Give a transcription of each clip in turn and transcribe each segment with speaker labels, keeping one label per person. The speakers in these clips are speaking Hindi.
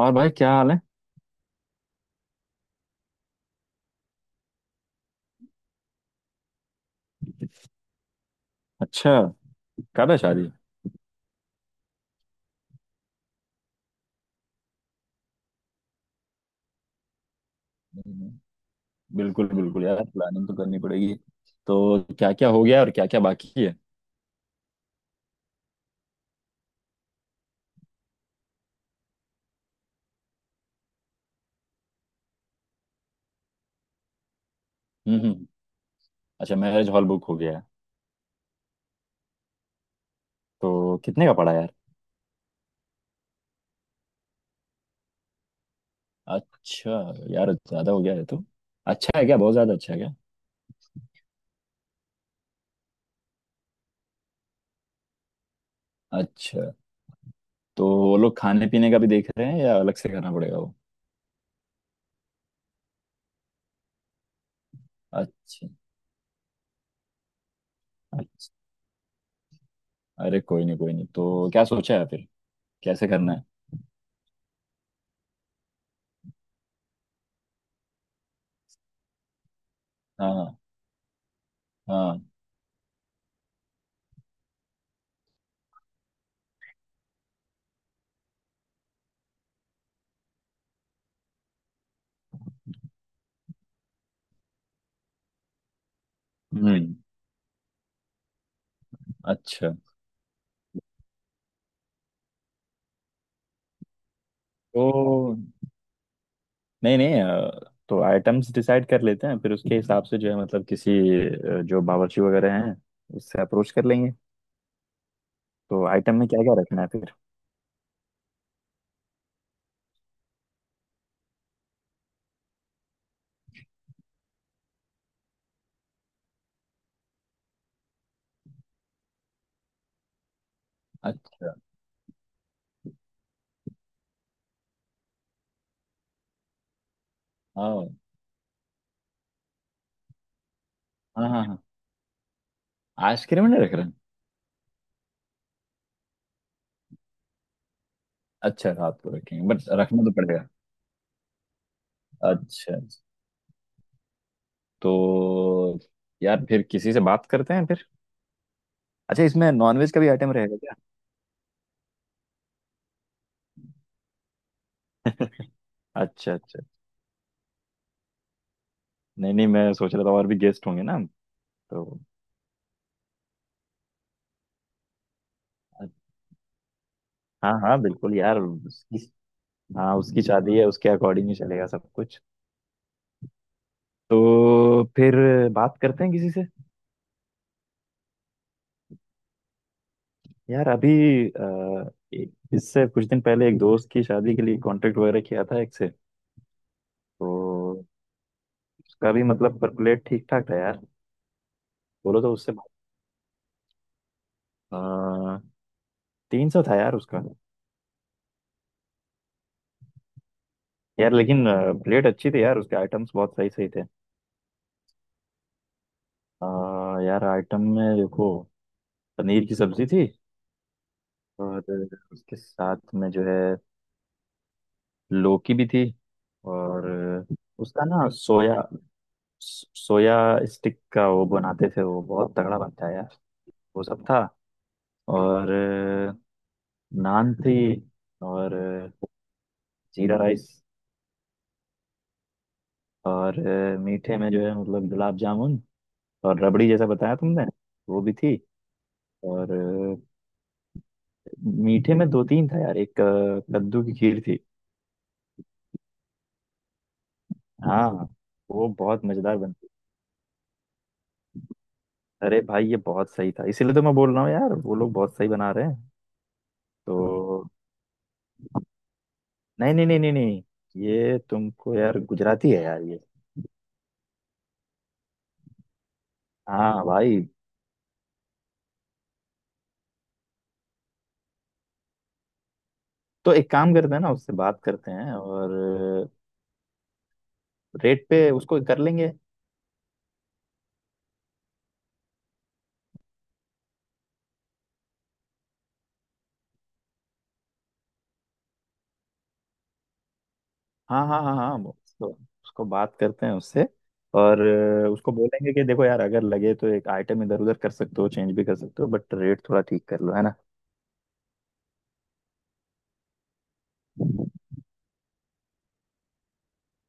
Speaker 1: और भाई क्या हाल है? अच्छा। कर रहे शादी। हम्म। बिल्कुल बिल्कुल यार, प्लानिंग तो करनी पड़ेगी। तो क्या क्या हो गया और क्या क्या बाकी है? हम्म। अच्छा, मैरिज हॉल बुक हो गया है। तो कितने का पड़ा यार? अच्छा। यार ज्यादा हो गया है तो। अच्छा है क्या, बहुत ज्यादा अच्छा है क्या? अच्छा। तो वो लोग खाने पीने का भी देख रहे हैं या अलग से करना पड़ेगा वो? अच्छा अच्छा। अरे कोई नहीं कोई नहीं, तो क्या सोचा है फिर, कैसे करना है? हाँ हाँ। हम्म। अच्छा। तो नहीं नहीं, तो आइटम्स डिसाइड कर लेते हैं फिर उसके हिसाब से जो है, मतलब किसी जो बावर्ची वगैरह हैं उससे अप्रोच कर लेंगे। तो आइटम में क्या क्या रखना है फिर? अच्छा। हाँ हाँ हाँ हाँ। आइसक्रीम नहीं रख रहे हैं? अच्छा, रात को रखेंगे बट रखना तो पड़ेगा। अच्छा। तो यार फिर किसी से बात करते हैं फिर। अच्छा, इसमें नॉनवेज का भी आइटम रहेगा क्या? अच्छा अच्छा, नहीं नहीं, मैं सोच रहा था और भी गेस्ट होंगे ना, तो। हाँ हाँ, बिल्कुल यार। हाँ, उसकी शादी है, उसके अकॉर्डिंग ही चलेगा सब कुछ। तो फिर बात करते हैं किसी से। यार अभी इससे कुछ दिन पहले एक दोस्त की शादी के लिए कांटेक्ट वगैरह किया था एक से। तो उसका भी मतलब पर प्लेट ठीक ठाक था यार। बोलो तो उससे। बात, 300 था यार उसका। यार लेकिन प्लेट अच्छी थी यार, उसके आइटम्स बहुत सही सही थे। यार आइटम में देखो, पनीर की सब्जी थी। और उसके साथ में जो है लौकी भी थी। और उसका ना सोया, सोया स्टिक का वो बनाते थे, वो बहुत तगड़ा बनता है यार। वो सब था। और नान थी। और जीरा राइस। और मीठे में जो है मतलब गुलाब जामुन और रबड़ी जैसा बताया तुमने वो भी थी। और मीठे में दो तीन था यार, एक कद्दू की खीर थी। हाँ, वो बहुत मजेदार बनती। अरे भाई ये बहुत सही था, इसीलिए तो मैं बोल रहा हूँ यार, वो लोग बहुत सही बना रहे हैं। तो नहीं नहीं नहीं नहीं नहीं, ये तुमको यार गुजराती है यार ये। हाँ भाई। तो एक काम करते हैं ना, उससे बात करते हैं और रेट पे उसको कर लेंगे। हाँ हाँ हाँ हाँ उसको, उसको बात करते हैं उससे। और उसको बोलेंगे कि देखो यार, अगर लगे तो एक आइटम इधर उधर कर सकते हो, चेंज भी कर सकते हो, बट रेट थोड़ा ठीक कर लो है ना।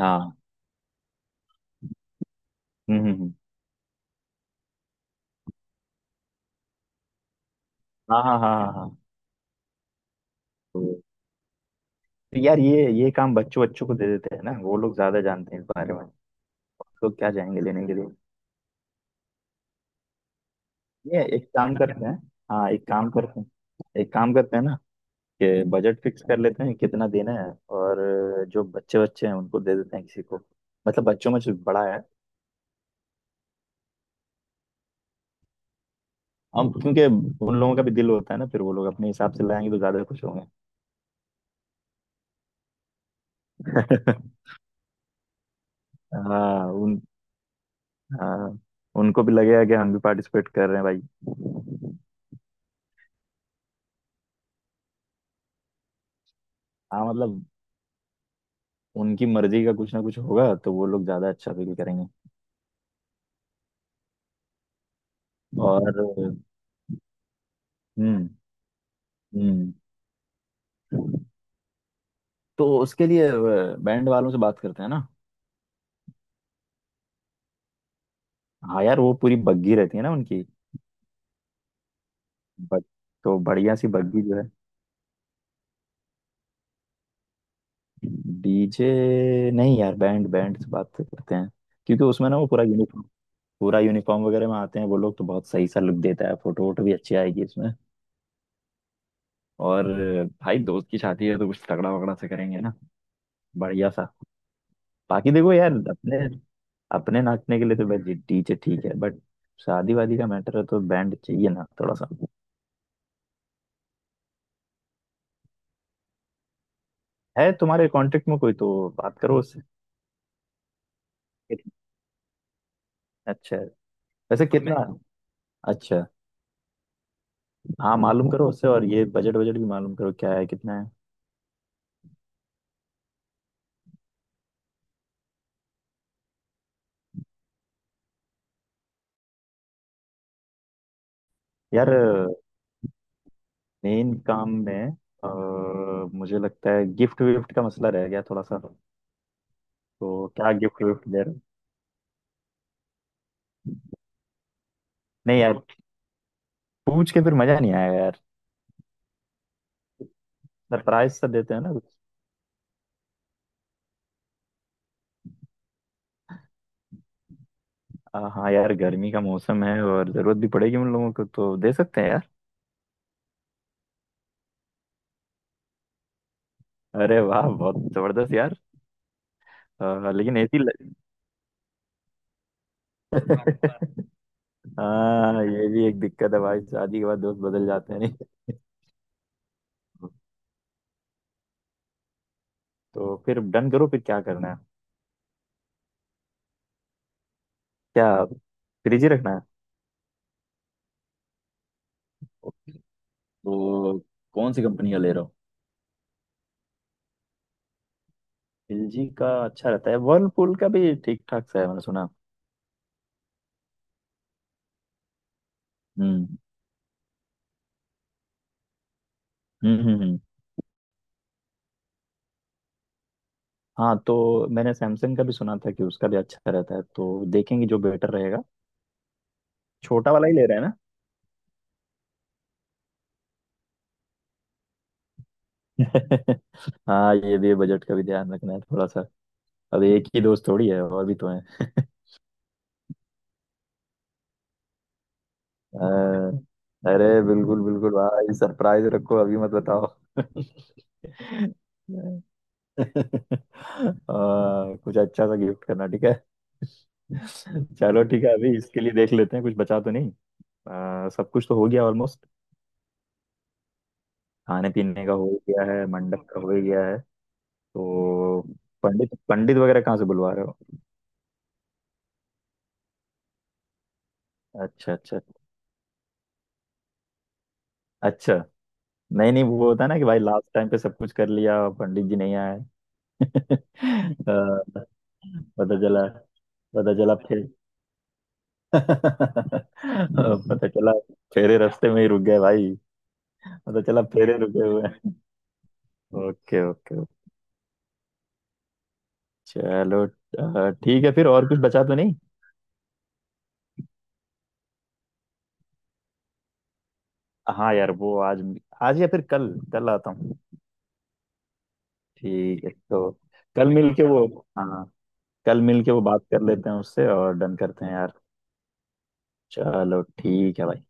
Speaker 1: हाँ। हम्म हम्म हम्म। हाँ हाँ हाँ हाँ हाँ। तो तो यार, ये काम बच्चों बच्चों को दे देते हैं ना, वो लोग ज्यादा जानते हैं इस बारे में। लोग क्या जाएंगे लेने के लिए। ये एक काम करते हैं। हाँ एक काम करते हैं, एक काम करते हैं ना कि बजट फिक्स कर लेते हैं कितना देना है। और जो बच्चे बच्चे हैं उनको दे देते हैं किसी को, मतलब बच्चों में जो बड़ा है। हम, क्योंकि उन लोगों का भी दिल होता है ना, फिर वो लोग अपने हिसाब से लाएंगे तो ज्यादा खुश होंगे। हाँ उन हाँ उनको भी लगेगा कि हम भी पार्टिसिपेट कर रहे हैं भाई। हाँ मतलब उनकी मर्जी का कुछ ना कुछ होगा तो वो लोग ज्यादा अच्छा फील करेंगे। और। हम्म हम्म। तो उसके लिए बैंड वालों से बात करते हैं ना। हाँ यार वो पूरी बग्गी रहती है ना उनकी। बट। तो बढ़िया सी बग्गी जो है। डीजे, नहीं यार, बैंड, बैंड से बात करते हैं। क्योंकि उसमें ना वो पूरा यूनिफॉर्म, पूरा यूनिफॉर्म वगैरह में आते हैं वो लोग, तो बहुत सही सा लुक देता है, फोटो वोटो भी अच्छी आएगी इसमें। और भाई दोस्त की शादी है तो कुछ तगड़ा वगड़ा से करेंगे ना, बढ़िया सा। बाकी देखो यार, अपने अपने नाचने के लिए तो भाई डीजे ठीक है, बट शादी वादी का मैटर है तो बैंड चाहिए ना थोड़ा सा। है तुम्हारे कांटेक्ट में कोई तो बात करो उससे। कित- अच्छा है। वैसे कितना मैं। अच्छा। हाँ मालूम करो उससे, और ये बजट, बजट भी मालूम करो क्या है, कितना है। यार मेन काम में अ, मुझे लगता है गिफ्ट विफ्ट का मसला रह गया थोड़ा सा। तो क्या गिफ्ट विफ्ट दे रहे हो? नहीं यार, पूछ के फिर मजा नहीं आएगा यार, सरप्राइज सा देते हैं ना कुछ। हाँ यार गर्मी का मौसम है और जरूरत भी पड़ेगी उन लोगों को, तो दे सकते हैं यार। अरे वाह, बहुत जबरदस्त यार। लेकिन एसी। हाँ ये भी एक दिक्कत है भाई, शादी के बाद दोस्त बदल जाते हैं नहीं। तो फिर डन करो फिर, क्या करना है? क्या फ्रिज ही रखना है? ओके। तो कौन सी कंपनी का ले रहा हूँ? एलजी का अच्छा रहता है, वर्लपूल का भी ठीक ठाक सा है मैंने सुना। हम्म हम्म हम्म हम्म। हाँ तो मैंने सैमसंग का भी सुना था कि उसका भी अच्छा रहता है, तो देखेंगे जो बेटर रहेगा। छोटा वाला ही ले रहे हैं ना। हाँ ये भी बजट का भी ध्यान रखना है थोड़ा सा। अब एक ही दोस्त थोड़ी है, और भी तो है। हाँ। अरे बिल्कुल बिल्कुल भाई, सरप्राइज रखो अभी मत बताओ। आ, कुछ अच्छा सा गिफ्ट करना ठीक है। चलो ठीक है, अभी इसके लिए देख लेते हैं कुछ बचा तो नहीं। सब कुछ तो हो गया ऑलमोस्ट। खाने पीने का हो गया है, मंडप का हो गया है। तो पंडित, पंडित वगैरह कहाँ से बुलवा रहे हो? अच्छा अच्छा। अच्छा। नहीं नहीं, वो होता है ना कि भाई लास्ट टाइम पे सब कुछ कर लिया, पंडित जी नहीं आए। अ, पता चला। पता चला फिर। पता चला फेरे रास्ते में ही रुक गए भाई। पता चला फेरे रुके हुए हैं। Okay okay. चलो ठीक है फिर, और कुछ बचा तो नहीं। हाँ यार वो आज, आज या फिर कल, कल आता हूँ। ठीक है तो कल मिल के वो, हाँ, कल मिल के वो बात कर लेते हैं उससे और डन करते हैं यार। चलो ठीक है भाई।